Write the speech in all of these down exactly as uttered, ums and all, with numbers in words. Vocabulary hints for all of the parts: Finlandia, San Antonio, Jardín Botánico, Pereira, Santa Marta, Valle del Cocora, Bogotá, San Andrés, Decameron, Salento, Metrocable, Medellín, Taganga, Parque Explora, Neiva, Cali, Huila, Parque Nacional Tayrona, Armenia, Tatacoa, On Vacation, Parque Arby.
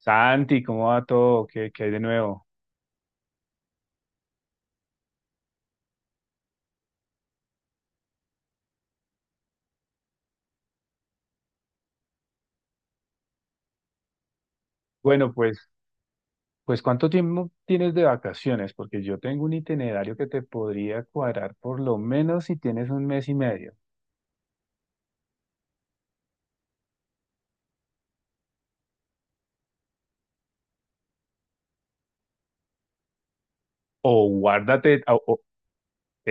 Santi, ¿cómo va todo? ¿Qué, qué hay de nuevo? Bueno, pues, pues ¿cuánto tiempo tienes de vacaciones? Porque yo tengo un itinerario que te podría cuadrar por lo menos si tienes un mes y medio. O guárdate, o- o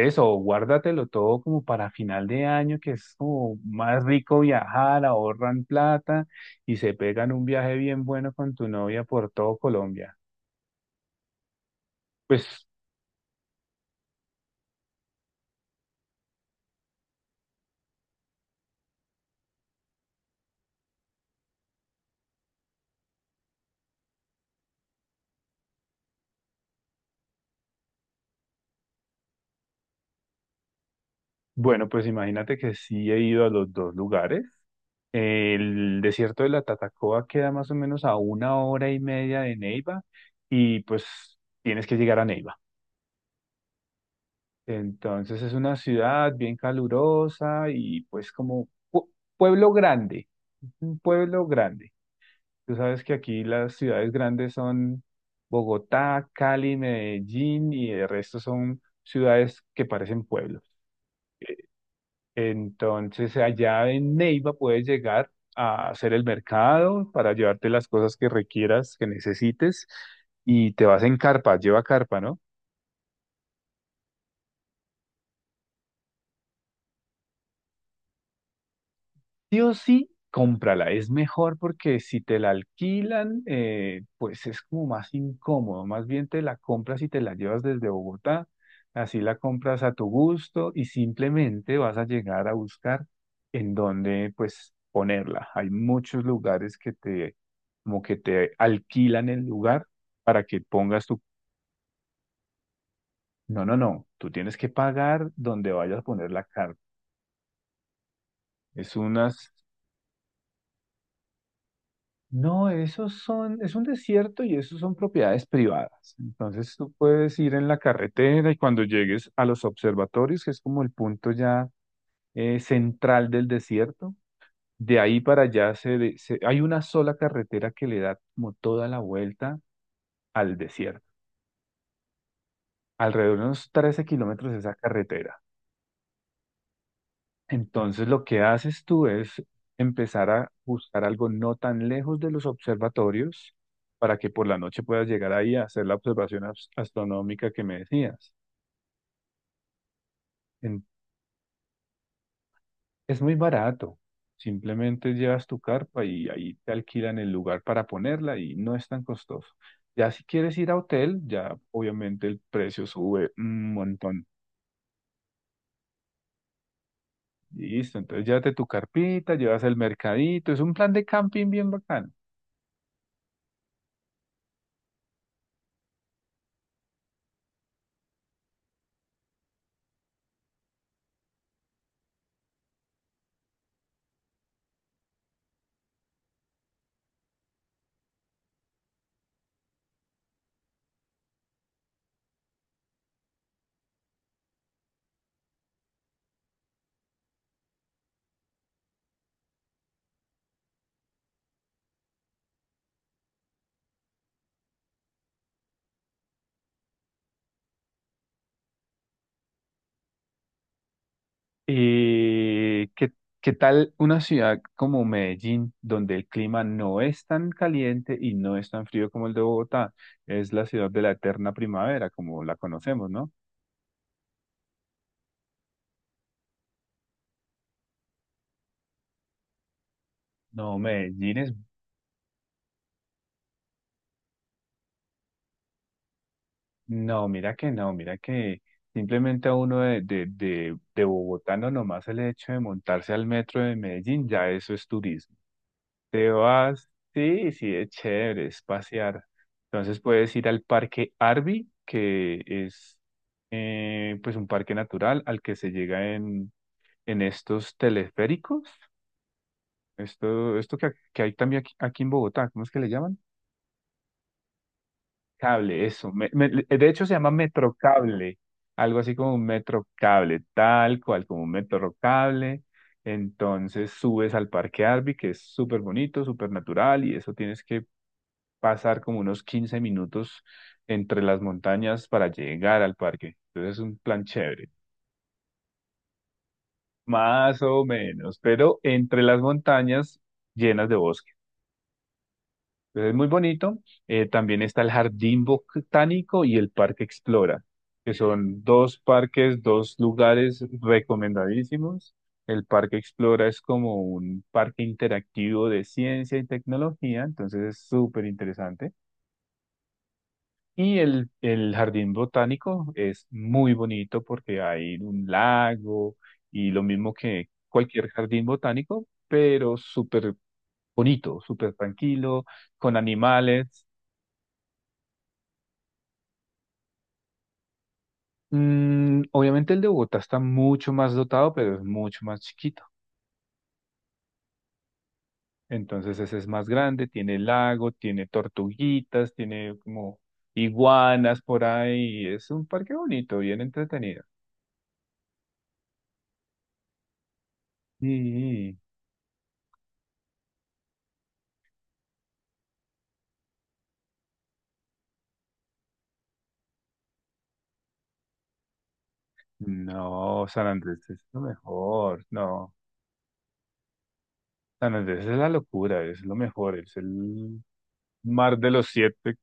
eso, o guárdatelo todo como para final de año, que es como más rico viajar, ahorran plata y se pegan un viaje bien bueno con tu novia por todo Colombia. Pues Bueno, pues imagínate que sí he ido a los dos lugares. El desierto de la Tatacoa queda más o menos a una hora y media de Neiva y pues tienes que llegar a Neiva. Entonces es una ciudad bien calurosa y pues como pu- pueblo grande, un pueblo grande. Tú sabes que aquí las ciudades grandes son Bogotá, Cali, Medellín y el resto son ciudades que parecen pueblos. Entonces, allá en Neiva puedes llegar a hacer el mercado para llevarte las cosas que requieras, que necesites, y te vas en carpa, lleva carpa, ¿no? Sí o sí, cómprala. Es mejor porque si te la alquilan, eh, pues es como más incómodo. Más bien te la compras y te la llevas desde Bogotá. Así la compras a tu gusto y simplemente vas a llegar a buscar en dónde pues ponerla. Hay muchos lugares que te como que te alquilan el lugar para que pongas tu... No, no, no. Tú tienes que pagar donde vayas a poner la carta. Es una. No, esos son, es un desierto y esos son propiedades privadas. Entonces tú puedes ir en la carretera y cuando llegues a los observatorios, que es como el punto ya eh, central del desierto, de ahí para allá se, de- se- hay una sola carretera que le da como toda la vuelta al desierto. Alrededor de unos trece kilómetros de esa carretera. Entonces lo que haces tú es empezar a buscar algo no tan lejos de los observatorios para que por la noche puedas llegar ahí a hacer la observación as- astronómica que me decías. En- es muy barato. Simplemente llevas tu carpa y ahí te alquilan el lugar para ponerla y no es tan costoso. Ya si quieres ir a hotel, ya obviamente el precio sube un montón. Listo, entonces llévate tu carpita, llevas el mercadito, es un plan de camping bien bacán. Eh, ¿qué, qué tal una ciudad como Medellín, donde el clima no es tan caliente y no es tan frío como el de Bogotá? Es la ciudad de la eterna primavera, como la conocemos, ¿no? No, Medellín es... No, mira que no, mira que simplemente a uno de, de, de, de bogotano nomás el hecho de montarse al metro de Medellín, ya eso es turismo. Te vas, sí, sí, es chévere, es pasear. Entonces puedes ir al Parque Arby, que es eh, pues un parque natural al que se llega en, en estos teleféricos. Esto, esto que, que hay también aquí, aquí en Bogotá, ¿cómo es que le llaman? Cable, eso. Me- me- de hecho se llama Metrocable, algo así como un Metrocable, tal cual como un Metrocable. Entonces subes al Parque Arby, que es súper bonito, súper natural, y eso tienes que pasar como unos quince minutos entre las montañas para llegar al parque. Entonces es un plan chévere, más o menos, pero entre las montañas llenas de bosque. Entonces es muy bonito. Eh, también está el Jardín Botánico y el Parque Explora, que son dos parques, dos lugares recomendadísimos. El Parque Explora es como un parque interactivo de ciencia y tecnología, entonces es súper interesante. Y el, el jardín botánico es muy bonito porque hay un lago y lo mismo que cualquier jardín botánico, pero súper bonito, súper tranquilo, con animales. Mm, obviamente el de Bogotá está mucho más dotado, pero es mucho más chiquito. Entonces ese es más grande, tiene lago, tiene tortuguitas, tiene como iguanas por ahí. Es un parque bonito, bien entretenido. Sí. No, San Andrés es lo mejor, no. San Andrés es la locura, es lo mejor, es el mar de los siete.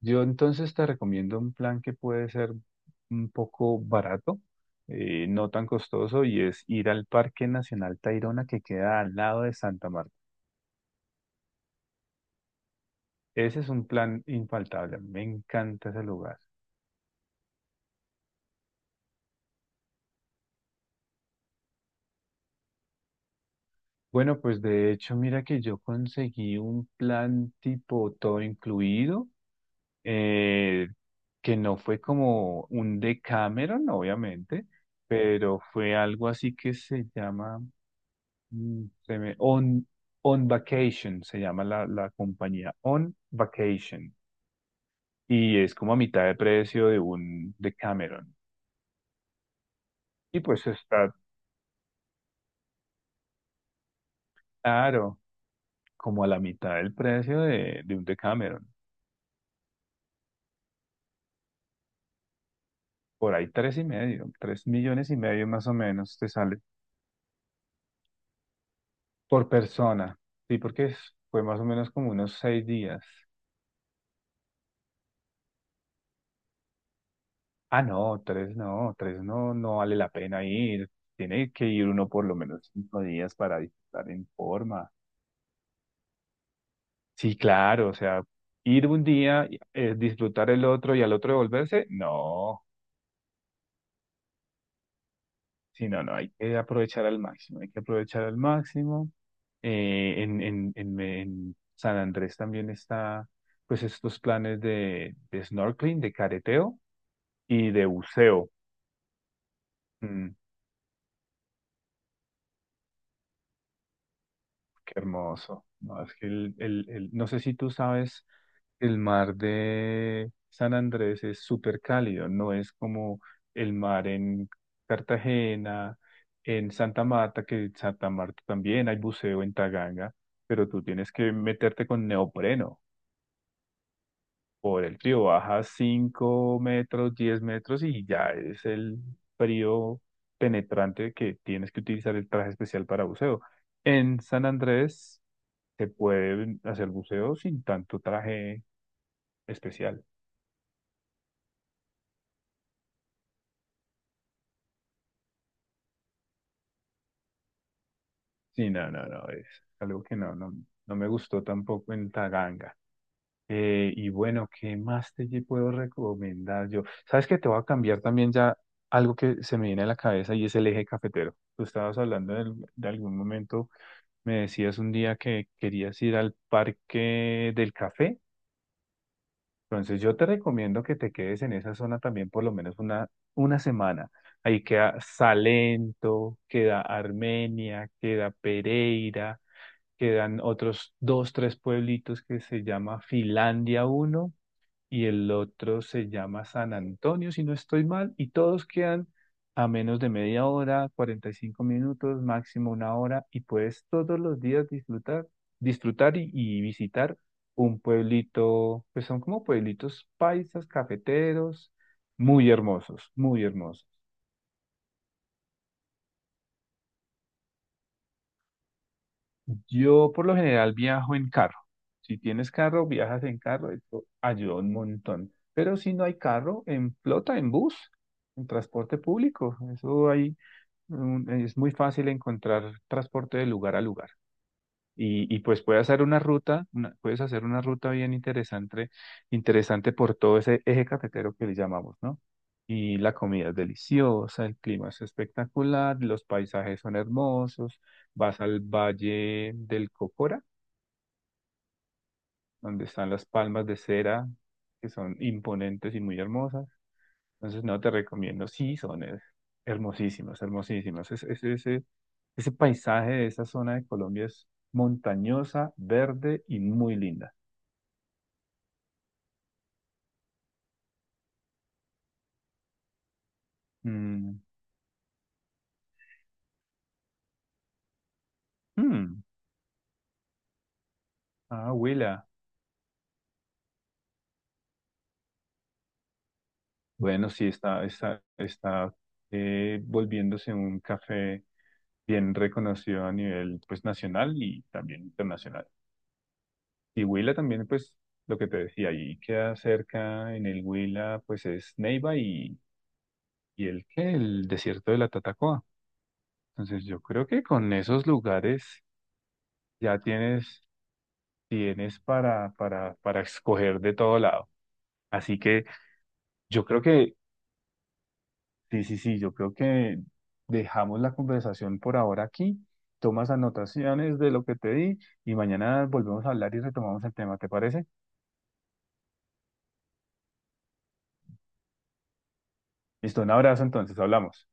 Yo entonces te recomiendo un plan que puede ser un poco barato, eh, no tan costoso, y es ir al Parque Nacional Tayrona que queda al lado de Santa Marta. Ese es un plan infaltable, me encanta ese lugar. Bueno, pues de hecho, mira que yo conseguí un plan tipo todo incluido eh, que no fue como un Decameron, obviamente, pero fue algo así que se llama, mm, se me- On, On Vacation, se llama la, la compañía, On Vacation, y es como a mitad de precio de un Decameron. Y pues está claro, como a la mitad del precio de, de un Decameron, por ahí tres y medio, tres millones y medio más o menos te sale por persona, sí, porque es- fue más o menos como unos seis días. Ah, no, tres no, tres no, no vale la pena ir. Tiene que ir uno por lo menos cinco días para disfrutar en forma. Sí, claro, o sea, ir un día, eh, disfrutar el otro y al otro devolverse, no, sí, no, no, hay que aprovechar al máximo, hay que aprovechar al máximo. Eh, en, en, en, en San Andrés también está, pues, estos planes de, de snorkeling, de careteo y de buceo. Mm. Qué hermoso. No, es que el, el, el- no sé si tú sabes, el mar de San Andrés es súper cálido, no es como el mar en Cartagena, en Santa Marta, que en Santa Marta también hay buceo en Taganga, pero tú tienes que meterte con neopreno por el frío. Bajas cinco metros, diez metros y ya es el frío penetrante que tienes que utilizar el traje especial para buceo. En San Andrés se puede hacer buceo sin tanto traje especial. Sí, no, no, no, es algo que no, no, no me gustó tampoco en Taganga. Eh, y bueno, ¿qué más te lle- puedo recomendar yo? Sabes que te voy a cambiar también ya algo que se me viene a la cabeza y es el eje cafetero. Tú estabas hablando del- de algún momento, me decías un día que querías ir al parque del café. Entonces yo te recomiendo que te quedes en esa zona también por lo menos una, una semana. Ahí queda Salento, queda Armenia, queda Pereira, quedan otros dos, tres pueblitos que se llama Finlandia uno y el otro se llama San Antonio, si no estoy mal, y todos quedan a menos de media hora, cuarenta y cinco minutos, máximo una hora, y puedes todos los días disfrutar, disfrutar y, y visitar un pueblito, pues son como pueblitos paisas, cafeteros, muy hermosos, muy hermosos. Yo por lo general viajo en carro. Si tienes carro, viajas en carro, esto ayuda un montón. Pero si no hay carro, en flota, en bus, en transporte público. Eso hay, mm, es muy fácil encontrar transporte de lugar a lugar. Y, y pues puedes hacer una ruta, una- puedes hacer una ruta bien interesante, interesante por todo ese eje cafetero que le llamamos, ¿no? Y la comida es deliciosa, el clima es espectacular, los paisajes son hermosos, vas al Valle del Cocora, donde están las palmas de cera, que son imponentes y muy hermosas. Entonces, no te recomiendo. Sí, son her- hermosísimas, hermosísimas. Es- es- ese, ese paisaje de esa zona de Colombia es montañosa, verde y muy linda. Mm, mm, ah, Huila. Bueno, sí, está, está, está eh, volviéndose un café bien reconocido a nivel pues, nacional y también internacional. Y Huila también, pues, lo que te decía, ahí queda cerca en el Huila, pues es Neiva y, y el que, el desierto de la Tatacoa. Entonces yo creo que con esos lugares ya tienes, tienes para, para, para escoger de todo lado. Así que yo creo que, sí, sí, sí, yo creo que dejamos la conversación por ahora aquí, tomas anotaciones de lo que te di y mañana volvemos a hablar y retomamos el tema, ¿te parece? Listo, un abrazo entonces, hablamos.